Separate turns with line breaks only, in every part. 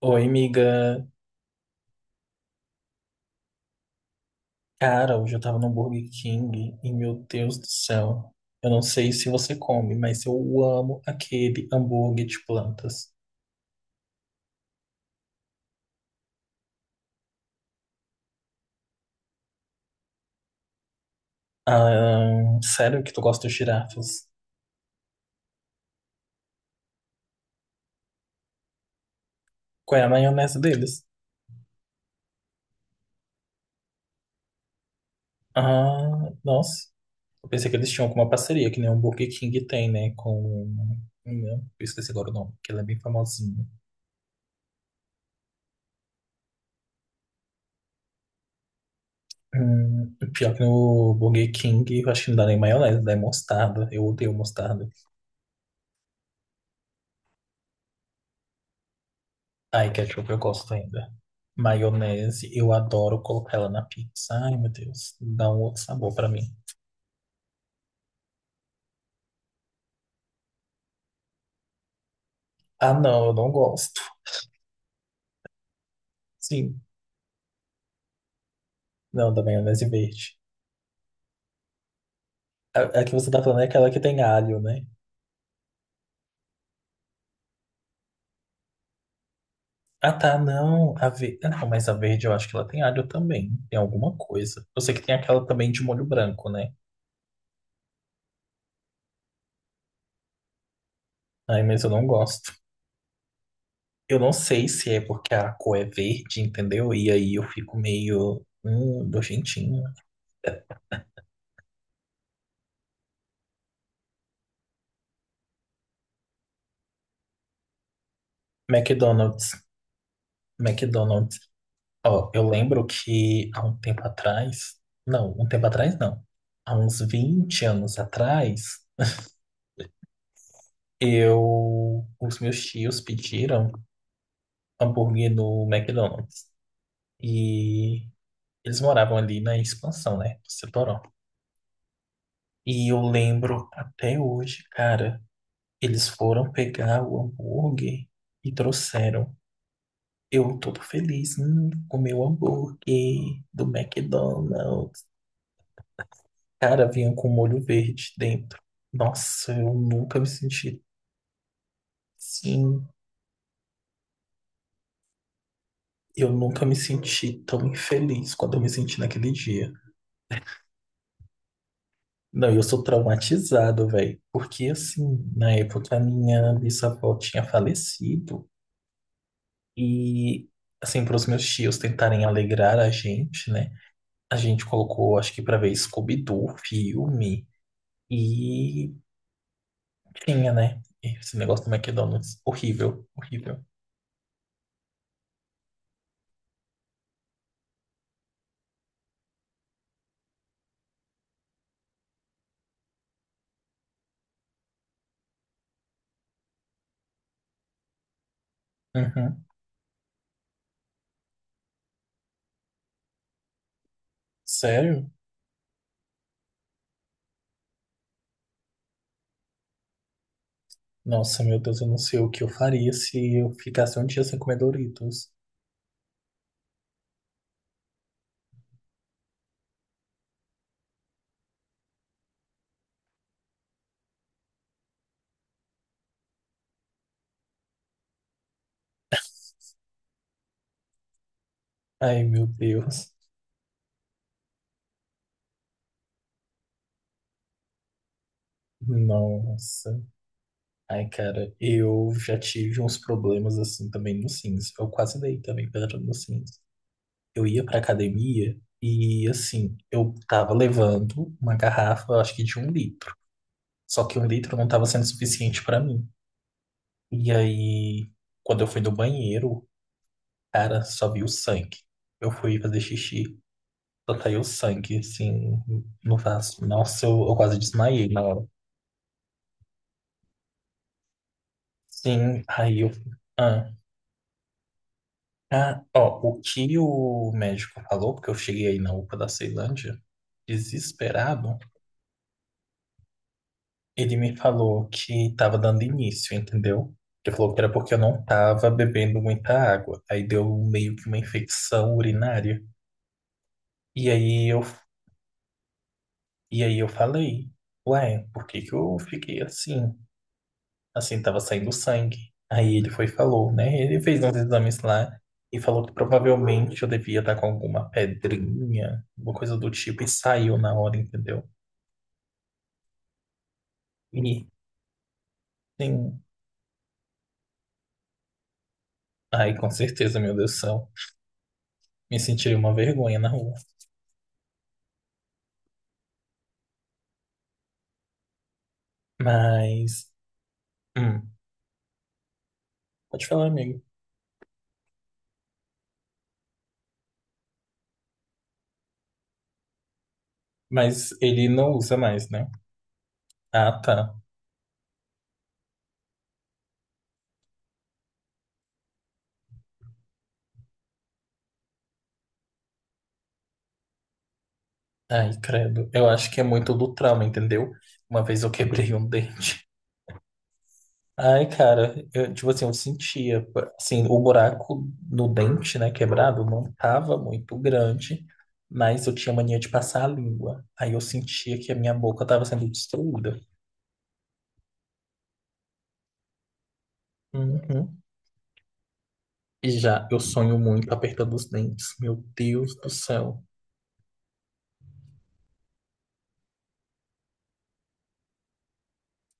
Oi, amiga. Cara, hoje eu tava no Burger King e, meu Deus do céu, eu não sei se você come, mas eu amo aquele hambúrguer de plantas. Ah, sério que tu gosta de girafas? Qual é a maionese deles? Ah, nossa. Eu pensei que eles tinham alguma parceria, que nem o Burger King tem, né? Com. Hum, Eu esqueci agora o nome, porque ele é bem famosinho. Pior que no Burger King, eu acho que não dá nem maionese, dá mostarda. Eu odeio mostarda. Ai, ketchup eu gosto ainda. Maionese, eu adoro colocar ela na pizza. Ai, meu Deus, dá um outro sabor pra mim. Ah, não, eu não gosto. Sim, não, da maionese verde. A que você tá falando é aquela que tem alho, né? Ah, tá, não. Não, mas a verde eu acho que ela tem alho também. Tem alguma coisa. Eu sei que tem aquela também de molho branco, né? Ai, mas eu não gosto. Eu não sei se é porque a cor é verde, entendeu? E aí eu fico meio. Nojentinho. McDonald's. McDonald's. Ó, eu lembro que há um tempo atrás, não, um tempo atrás não, há uns 20 anos atrás, os meus tios pediram hambúrguer no McDonald's e eles moravam ali na expansão, né, do Setorão. E eu lembro até hoje, cara, eles foram pegar o hambúrguer e trouxeram. Eu todo feliz, comi o hambúrguer do McDonald's. Cara, vinha com molho verde dentro. Nossa, eu nunca me senti. Sim, eu nunca me senti tão infeliz quando eu me senti naquele dia. Não, eu sou traumatizado, velho. Porque, assim, na época a minha bisavó tinha falecido. E, assim, para os meus tios tentarem alegrar a gente, né? A gente colocou, acho que pra ver Scooby-Doo, filme. E tinha, né? Esse negócio do McDonald's. Horrível, horrível. Uhum. Sério? Nossa, meu Deus, eu não sei o que eu faria se eu ficasse um dia sem comer Doritos. Ai, meu Deus. Nossa. Ai, cara, eu já tive uns problemas assim também no Sims. Eu quase dei também pedra no Sims. Eu ia pra academia e, assim, eu tava levando uma garrafa, eu acho que de um litro. Só que um litro não tava sendo suficiente pra mim. E aí, quando eu fui no banheiro, cara, só vi o sangue. Eu fui fazer xixi. Só caiu sangue, assim, no vaso. Nossa, eu quase desmaiei na hora. Sim, aí eu. Ah, ah, ó, o que o médico falou, porque eu cheguei aí na UPA da Ceilândia, desesperado, ele me falou que tava dando início, entendeu? Ele falou que era porque eu não tava bebendo muita água. Aí deu meio que uma infecção urinária. E aí eu, e aí eu falei, ué, por que que eu fiquei assim? Assim, tava saindo sangue. Aí ele foi e falou, né? Ele fez uns exames lá e falou que provavelmente eu devia estar com alguma pedrinha, alguma coisa do tipo, e saiu na hora, entendeu? E sim, aí com certeza, meu Deus do céu, me senti uma vergonha na rua. Mas, hum, pode falar, amigo. Mas ele não usa mais, né? Ah, tá. Ai, credo. Eu acho que é muito do trauma, entendeu? Uma vez eu quebrei um dente. Ai, cara, eu, tipo assim, eu sentia, assim, o buraco no dente, né, quebrado, não tava muito grande, mas eu tinha mania de passar a língua. Aí eu sentia que a minha boca tava sendo destruída. Uhum. E já, eu sonho muito apertando os dentes. Meu Deus do céu.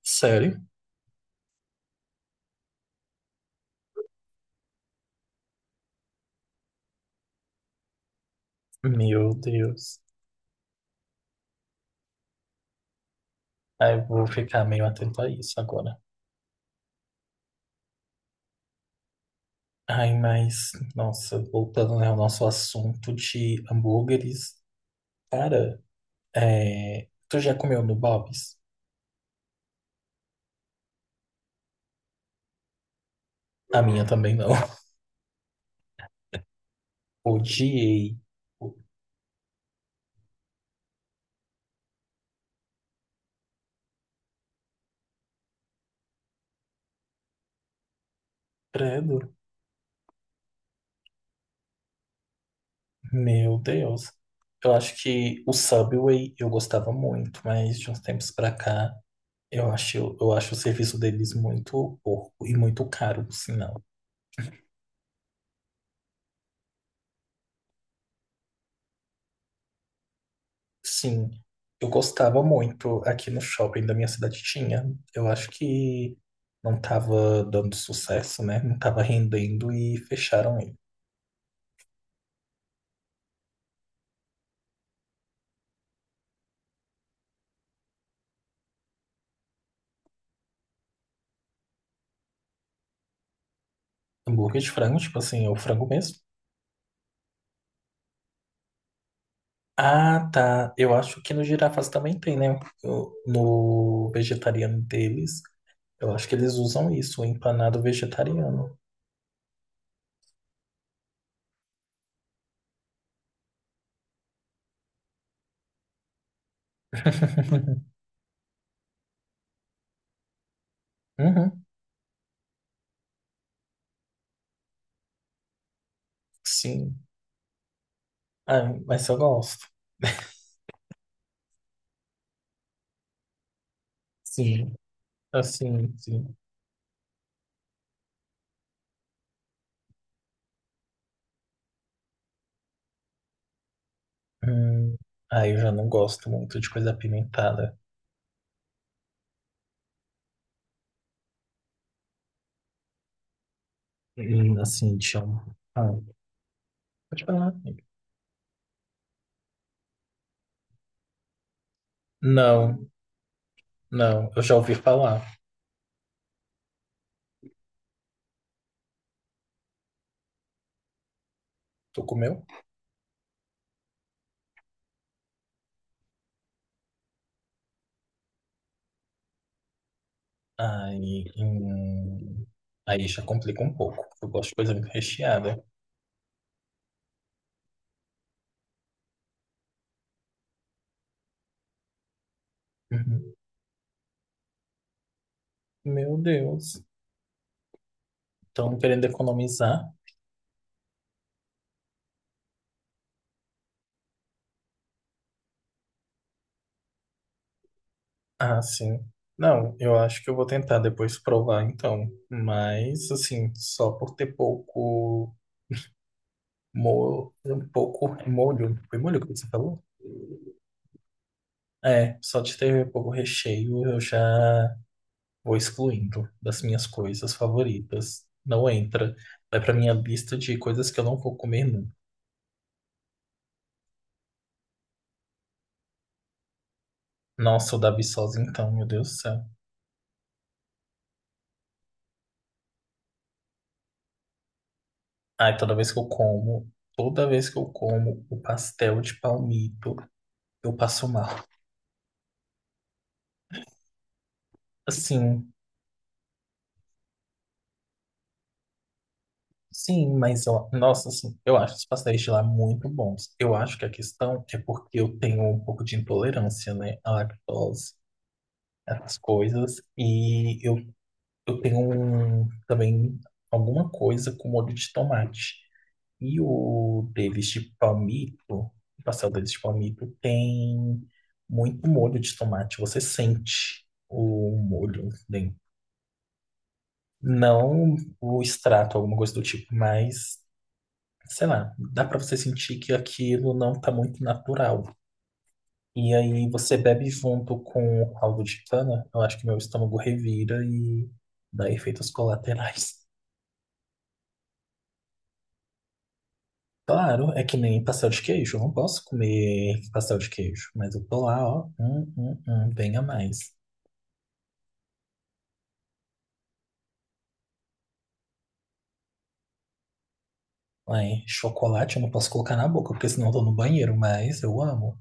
Sério? Meu Deus. Aí eu vou ficar meio atento a isso agora. Ai, mas, nossa, voltando, né, ao nosso assunto de hambúrgueres, cara, Tu já comeu no Bob's? A minha também não. Odiei. O Credo. Meu Deus. Eu acho que o Subway eu gostava muito, mas de uns tempos pra cá eu acho o serviço deles muito porco e muito caro, por sinal. Sim, eu gostava muito. Aqui no shopping da minha cidade tinha. Eu acho que não tava dando sucesso, né? Não tava rendendo e fecharam ele. Hambúrguer de frango, tipo assim, é o frango mesmo. Ah, tá. Eu acho que no girafas também tem, né? Eu- No vegetariano deles, eu acho que eles usam isso, o empanado vegetariano. Uhum, sim. Ah, mas eu gosto. Sim, assim, sim. Hum, ah, eu já não gosto muito de coisa apimentada. Assim, de um... Ah, pode falar. Não, não. Eu já ouvi falar. Tu comeu? Aí, hum, aí já complica um pouco. Eu gosto de coisa muito recheada. Uhum. Meu Deus. Estão querendo economizar? Ah, sim. Não, eu acho que eu vou tentar depois provar, então. Mas, assim, só por ter pouco molho, um pouco molho. Foi molho que você falou? É, só de ter pouco recheio eu já vou excluindo das minhas coisas favoritas. Não entra. Vai pra minha lista de coisas que eu não vou comer nunca. Nossa, o da Viçosa, então, meu Deus do céu. Ai, toda vez que eu como, toda vez que eu como o pastel de palmito, eu passo mal. Assim, sim, mas eu, nossa, assim, eu acho os pastéis de lá muito bons. Eu acho que a questão é porque eu tenho um pouco de intolerância, né, à lactose, essas coisas, e eu tenho um, também alguma coisa com molho de tomate. E o deles de palmito, o pastel deles de palmito, tem muito molho de tomate. Você sente o molho dentro. Não o extrato, alguma coisa do tipo, mas, sei lá, dá pra você sentir que aquilo não tá muito natural. E aí você bebe junto com o caldo de cana, eu acho que meu estômago revira e dá efeitos colaterais. Claro, é que nem pastel de queijo. Eu não posso comer pastel de queijo, mas eu tô lá, ó. Venha mais. Aí, chocolate eu não posso colocar na boca, porque senão eu tô no banheiro, mas eu amo.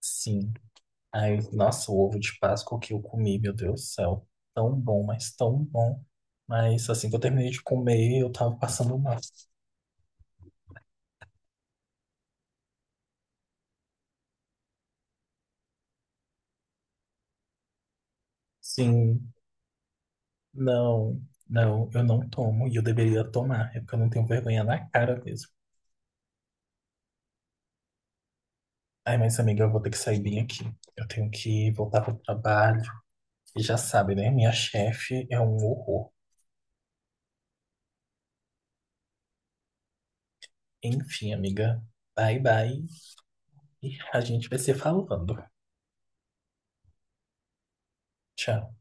Sim. Aí, nossa, o ovo de Páscoa que eu comi, meu Deus do céu. Tão bom. Mas assim que eu terminei de comer, eu tava passando mal. Sim, não, não, eu não tomo e eu deveria tomar. É porque eu não tenho vergonha na cara mesmo. Ai, mas amiga, eu vou ter que sair bem aqui. Eu tenho que voltar pro trabalho. E já sabe, né? Minha chefe é um horror. Enfim, amiga. Bye, bye. E a gente vai se falando. Tchau.